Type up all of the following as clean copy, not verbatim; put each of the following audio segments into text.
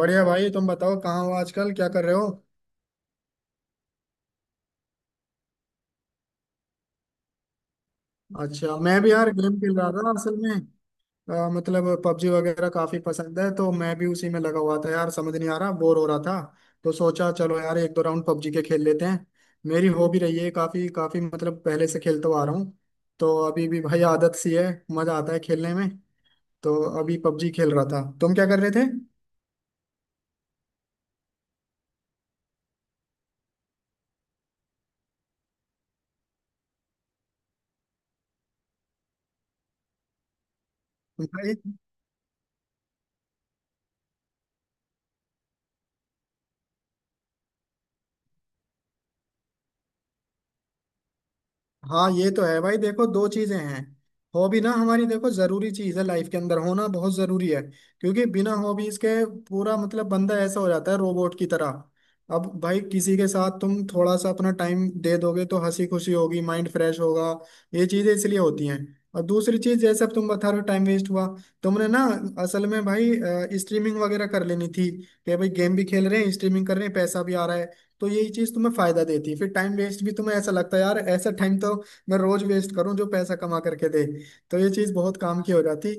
बढ़िया भाई। तुम बताओ कहाँ हो आजकल, क्या कर रहे हो? अच्छा, मैं भी यार गेम खेल रहा था असल में। मतलब पबजी वगैरह काफी पसंद है तो मैं भी उसी में लगा हुआ था यार। समझ नहीं आ रहा, बोर हो रहा था। तो सोचा चलो यार एक दो राउंड पबजी के खेल लेते हैं। मेरी हॉबी रही है काफी। काफी मतलब पहले से खेलता हुआ आ रहा हूँ। तो अभी भी भाई आदत सी है, मजा आता है खेलने में। तो अभी पबजी खेल रहा था, तुम क्या कर रहे थे भाई? हाँ ये तो है भाई, देखो दो चीजें हैं। हॉबी ना हमारी, देखो जरूरी चीज है, लाइफ के अंदर होना बहुत जरूरी है। क्योंकि बिना हॉबीज के पूरा मतलब बंदा ऐसा हो जाता है रोबोट की तरह। अब भाई किसी के साथ तुम थोड़ा सा अपना टाइम दे दोगे तो हंसी खुशी होगी, माइंड फ्रेश होगा। ये चीजें इसलिए होती हैं। और दूसरी चीज जैसे अब तुम बता रहे हो टाइम वेस्ट हुआ, तुमने ना असल में भाई स्ट्रीमिंग वगैरह कर लेनी थी। कि भाई गेम भी खेल रहे हैं, स्ट्रीमिंग कर रहे हैं, पैसा भी आ रहा है। तो यही चीज तुम्हें फायदा देती है। फिर टाइम वेस्ट भी तुम्हें ऐसा लगता है यार, ऐसा टाइम तो मैं रोज वेस्ट करूं जो पैसा कमा करके दे। तो ये चीज बहुत काम की हो जाती।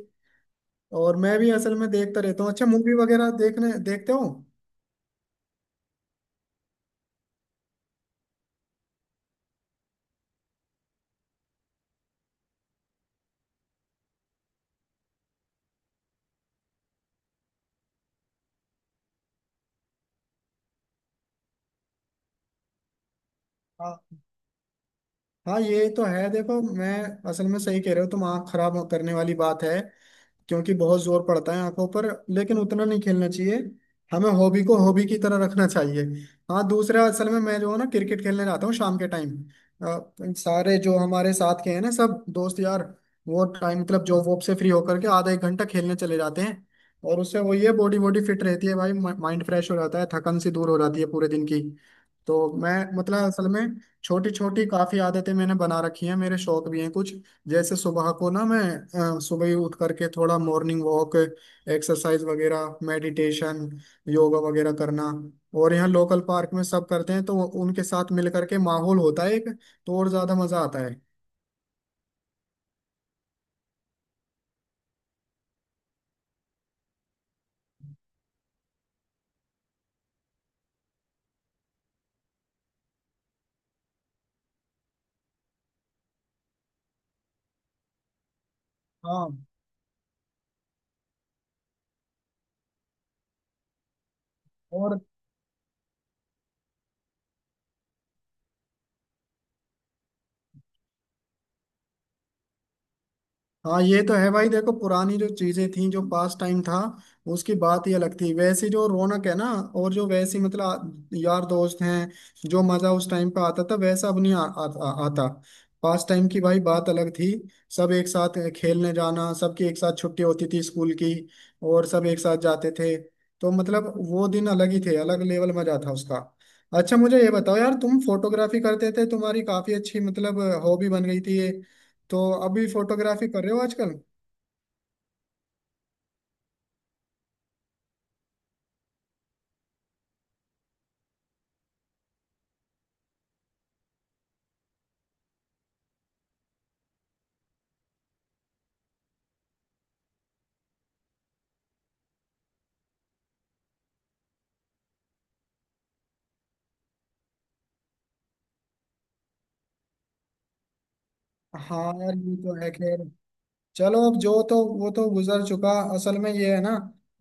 और मैं भी असल में देखता रहता हूँ। अच्छा, मूवी वगैरह देखने देखते हो? हाँ। हाँ ये तो है देखो, मैं असल में सही कह रहे हो तुम, आँख खराब करने वाली बात है। क्योंकि बहुत जोर पड़ता है आंखों पर। लेकिन उतना नहीं खेलना चाहिए, हमें हॉबी को हॉबी की तरह रखना चाहिए। हाँ दूसरा असल में मैं जो है ना क्रिकेट खेलने जाता हूँ शाम के टाइम, सारे जो हमारे साथ के हैं ना सब दोस्त यार, वो टाइम मतलब जॉब वॉब से फ्री होकर के आधा एक घंटा खेलने चले जाते हैं। और उससे वो ये बॉडी बॉडी फिट रहती है भाई, माइंड फ्रेश हो जाता है, थकन सी दूर हो जाती है पूरे दिन की। तो मैं मतलब असल में छोटी छोटी काफी आदतें मैंने बना रखी हैं, मेरे शौक भी हैं कुछ। जैसे सुबह को ना मैं सुबह ही उठ करके थोड़ा मॉर्निंग वॉक, एक्सरसाइज वगैरह, मेडिटेशन, योगा वगैरह करना। और यहाँ लोकल पार्क में सब करते हैं तो उनके साथ मिल करके माहौल होता है एक, तो और ज्यादा मजा आता है। हाँ और। हाँ ये तो है भाई, देखो पुरानी जो चीजें थी, जो पास टाइम था, उसकी बात ही अलग थी। वैसी जो रौनक है ना, और जो वैसी मतलब यार दोस्त हैं, जो मजा उस टाइम पे आता था वैसा अब नहीं आ, आ, आ, आता। पास टाइम की भाई बात अलग थी, सब एक साथ खेलने जाना, सबकी एक साथ छुट्टी होती थी स्कूल की, और सब एक साथ जाते थे। तो मतलब वो दिन अलग ही थे, अलग लेवल मजा था उसका। अच्छा मुझे ये बताओ यार, तुम फोटोग्राफी करते थे, तुम्हारी काफी अच्छी मतलब हॉबी बन गई थी ये। तो अभी फोटोग्राफी कर रहे हो आजकल? हाँ यार ये तो है खैर, चलो अब जो तो वो तो गुजर चुका। असल में ये है ना,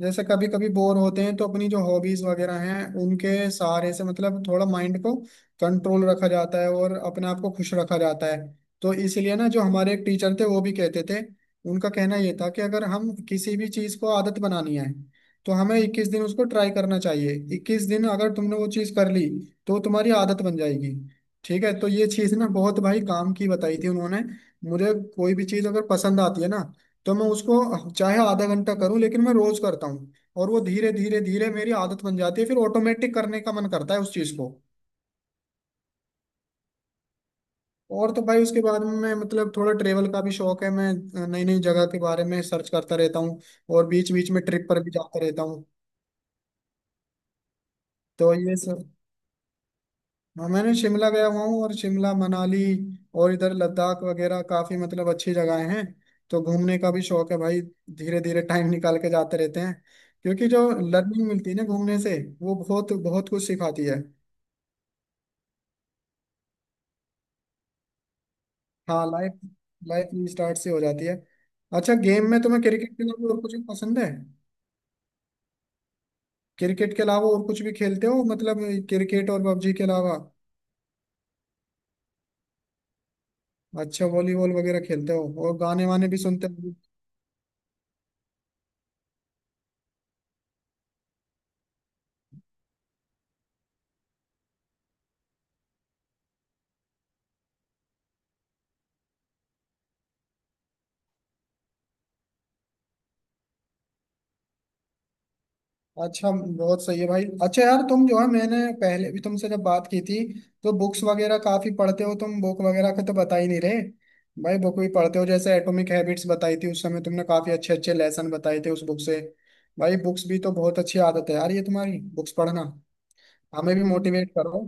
जैसे कभी कभी बोर होते हैं तो अपनी जो हॉबीज वगैरह हैं उनके सहारे से मतलब थोड़ा माइंड को कंट्रोल रखा जाता है और अपने आप को खुश रखा जाता है। तो इसलिए ना जो हमारे एक टीचर थे वो भी कहते थे, उनका कहना ये था कि अगर हम किसी भी चीज़ को आदत बनानी है तो हमें 21 दिन उसको ट्राई करना चाहिए। 21 दिन अगर तुमने वो चीज़ कर ली तो वो तुम्हारी आदत बन जाएगी। ठीक है, तो ये चीज़ ना बहुत भाई काम की बताई थी उन्होंने। मुझे कोई भी चीज अगर पसंद आती है ना, तो मैं उसको चाहे आधा घंटा करूं लेकिन मैं रोज करता हूँ। और वो धीरे धीरे धीरे मेरी आदत बन जाती है, फिर ऑटोमेटिक करने का मन करता है उस चीज को। और तो भाई उसके बाद में मैं मतलब थोड़ा ट्रेवल का भी शौक है, मैं नई नई जगह के बारे में सर्च करता रहता हूँ। और बीच बीच में ट्रिप पर भी जाता रहता हूँ। तो ये सब। हाँ मैंने शिमला गया हुआ हूँ, और शिमला मनाली और इधर लद्दाख वगैरह काफी मतलब अच्छी जगहें हैं। तो घूमने का भी शौक है भाई, धीरे धीरे टाइम निकाल के जाते रहते हैं। क्योंकि जो लर्निंग मिलती है ना घूमने से, वो बहुत बहुत कुछ सिखाती है। हाँ लाइफ, लाइफ स्टार्ट से हो जाती है। अच्छा, गेम में तुम्हें क्रिकेट के अलावा और कुछ भी पसंद है? क्रिकेट के अलावा और कुछ भी खेलते हो मतलब, क्रिकेट और पबजी के अलावा? अच्छा वॉलीबॉल वगैरह खेलते हो, और गाने वाने भी सुनते हो? अच्छा बहुत सही है भाई। अच्छा यार तुम जो है मैंने पहले भी तुमसे जब बात की थी तो बुक्स वगैरह काफी पढ़ते हो तुम, बुक वगैरह का तो बता ही नहीं रहे भाई। बुक भी पढ़ते हो जैसे एटॉमिक हैबिट्स बताई थी उस समय, तुमने काफी अच्छे अच्छे लेसन बताए थे उस बुक से। भाई बुक्स भी तो बहुत अच्छी आदत है यार ये तुम्हारी, बुक्स पढ़ना। हमें भी मोटिवेट करो।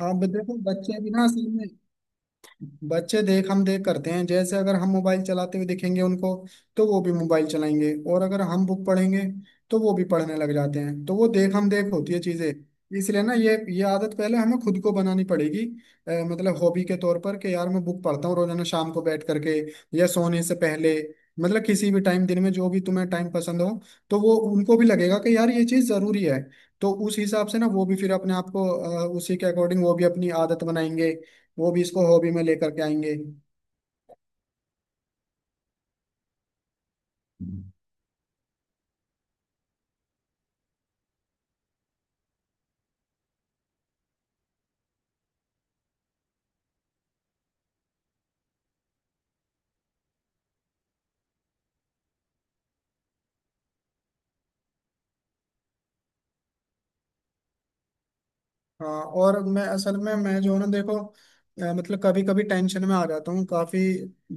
हाँ देखो बच्चे भी ना असल में, बच्चे देख हम देख करते हैं। जैसे अगर हम मोबाइल चलाते हुए देखेंगे उनको तो वो भी मोबाइल चलाएंगे, और अगर हम बुक पढ़ेंगे तो वो भी पढ़ने लग जाते हैं। तो वो देख हम देख होती है चीजें। इसलिए ना ये आदत पहले हमें खुद को बनानी पड़ेगी। मतलब हॉबी के तौर पर, कि यार मैं बुक पढ़ता हूँ रोजाना शाम को बैठ करके या सोने से पहले, मतलब किसी भी टाइम दिन में जो भी तुम्हें टाइम पसंद हो। तो वो उनको भी लगेगा कि यार ये चीज जरूरी है। तो उस हिसाब से ना वो भी फिर अपने आप को उसी के अकॉर्डिंग वो भी अपनी आदत बनाएंगे। वो भी इसको हॉबी में लेकर के आएंगे। हाँ और मैं असल में मैं जो है ना देखो, मतलब कभी कभी टेंशन में आ जाता हूँ, काफी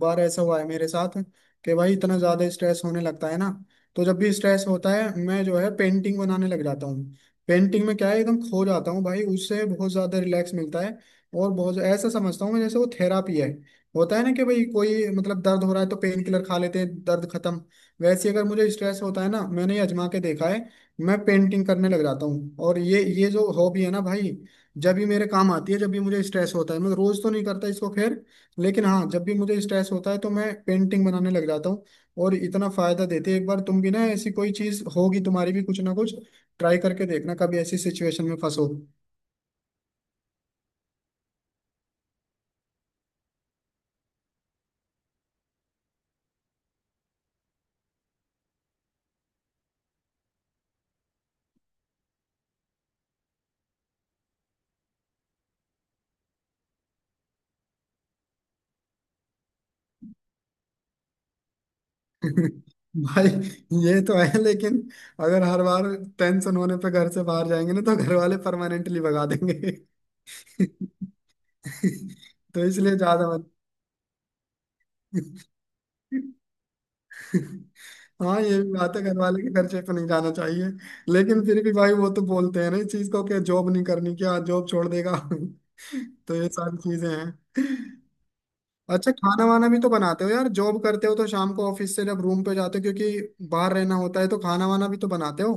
बार ऐसा हुआ है मेरे साथ कि भाई इतना ज्यादा स्ट्रेस होने लगता है ना। तो जब भी स्ट्रेस होता है मैं जो है पेंटिंग बनाने लग जाता हूँ। पेंटिंग में क्या है एकदम खो जाता हूँ भाई, उससे बहुत ज्यादा रिलैक्स मिलता है। और बहुत ऐसा समझता हूँ मैं जैसे वो थेरापी है। होता है ना कि भाई कोई मतलब दर्द हो रहा है तो पेन किलर खा लेते हैं, दर्द खत्म। वैसे ही अगर मुझे स्ट्रेस होता है ना, मैंने ये आजमा के देखा है, मैं पेंटिंग करने लग जाता हूँ। और ये जो हॉबी है ना भाई, जब भी मेरे काम आती है, जब भी मुझे स्ट्रेस होता है। मैं रोज तो नहीं करता इसको खैर, लेकिन हाँ जब भी मुझे स्ट्रेस होता है तो मैं पेंटिंग बनाने लग जाता हूँ। और इतना फायदा देती है, एक बार तुम भी ना ऐसी कोई चीज होगी तुम्हारी भी कुछ ना कुछ, ट्राई करके देखना कभी ऐसी सिचुएशन में फंसो। भाई ये तो है, लेकिन अगर हर बार टेंशन होने पे घर से बाहर जाएंगे ना तो घर वाले परमानेंटली भगा देंगे। तो इसलिए ज्यादा मत। हाँ ये भी बात है, घर वाले के खर्चे पे नहीं जाना चाहिए। लेकिन फिर भी भाई वो तो बोलते हैं ना इस चीज को, कि जॉब नहीं करनी क्या, जॉब छोड़ देगा? तो ये सारी चीजें हैं। अच्छा खाना वाना भी तो बनाते हो यार, जॉब करते हो तो शाम को ऑफिस से जब रूम पे जाते हो क्योंकि बाहर रहना होता है, तो खाना वाना भी तो बनाते हो?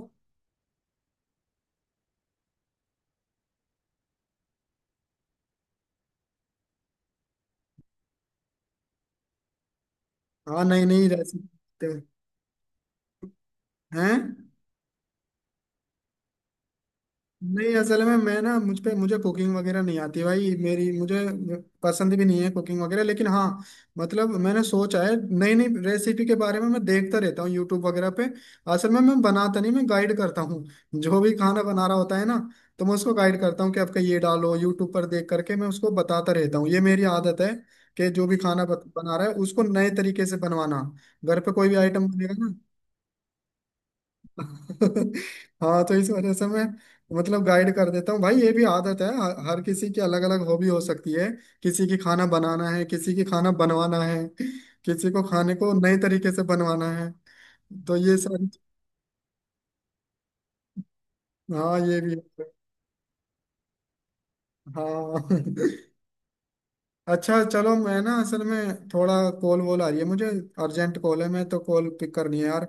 हाँ नई नई रेसिपी हैं? नहीं असल में मैं ना मुझे कुकिंग वगैरह नहीं आती भाई, मेरी मुझे पसंद भी नहीं है कुकिंग वगैरह। लेकिन हाँ मतलब मैंने सोचा है नई नई रेसिपी के बारे में, मैं देखता रहता हूँ यूट्यूब वगैरह पे। असल में मैं बनाता नहीं, मैं गाइड करता हूँ। जो भी खाना बना रहा होता है ना, तो मैं उसको गाइड करता हूँ कि आपका ये डालो, यूट्यूब पर देख करके मैं उसको बताता रहता हूँ, ये मेरी आदत है। कि जो भी खाना बना रहा है उसको नए तरीके से बनवाना। घर पे कोई भी आइटम बनेगा। हाँ तो इस वजह से मैं मतलब गाइड कर देता हूँ भाई, ये भी आदत है, हर हर किसी की अलग अलग हॉबी हो सकती है। किसी की खाना बनाना है, किसी की खाना बनवाना है, किसी को खाने को नए तरीके से बनवाना है। तो ये सारी। हाँ ये भी है। हाँ। अच्छा चलो मैं ना असल में थोड़ा कॉल वॉल आ रही है मुझे, अर्जेंट कॉल है, मैं तो कॉल पिक करनी है यार।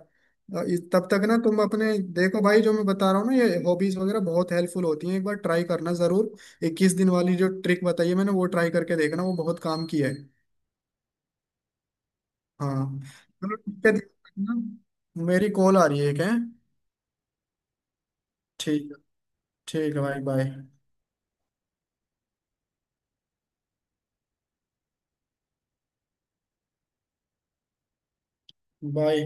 तब तक ना तुम अपने, देखो भाई जो मैं बता रहा हूँ ना ये हॉबीज वगैरह बहुत हेल्पफुल होती हैं, एक बार ट्राई करना जरूर। 21 दिन वाली जो ट्रिक बताई है मैंने, वो ट्राई करके देखना वो बहुत काम की है। हाँ चलो ठीक है, ध्यान रखना। मेरी कॉल आ रही है क्या। ठीक है। ठीक है भाई बाय। बाय।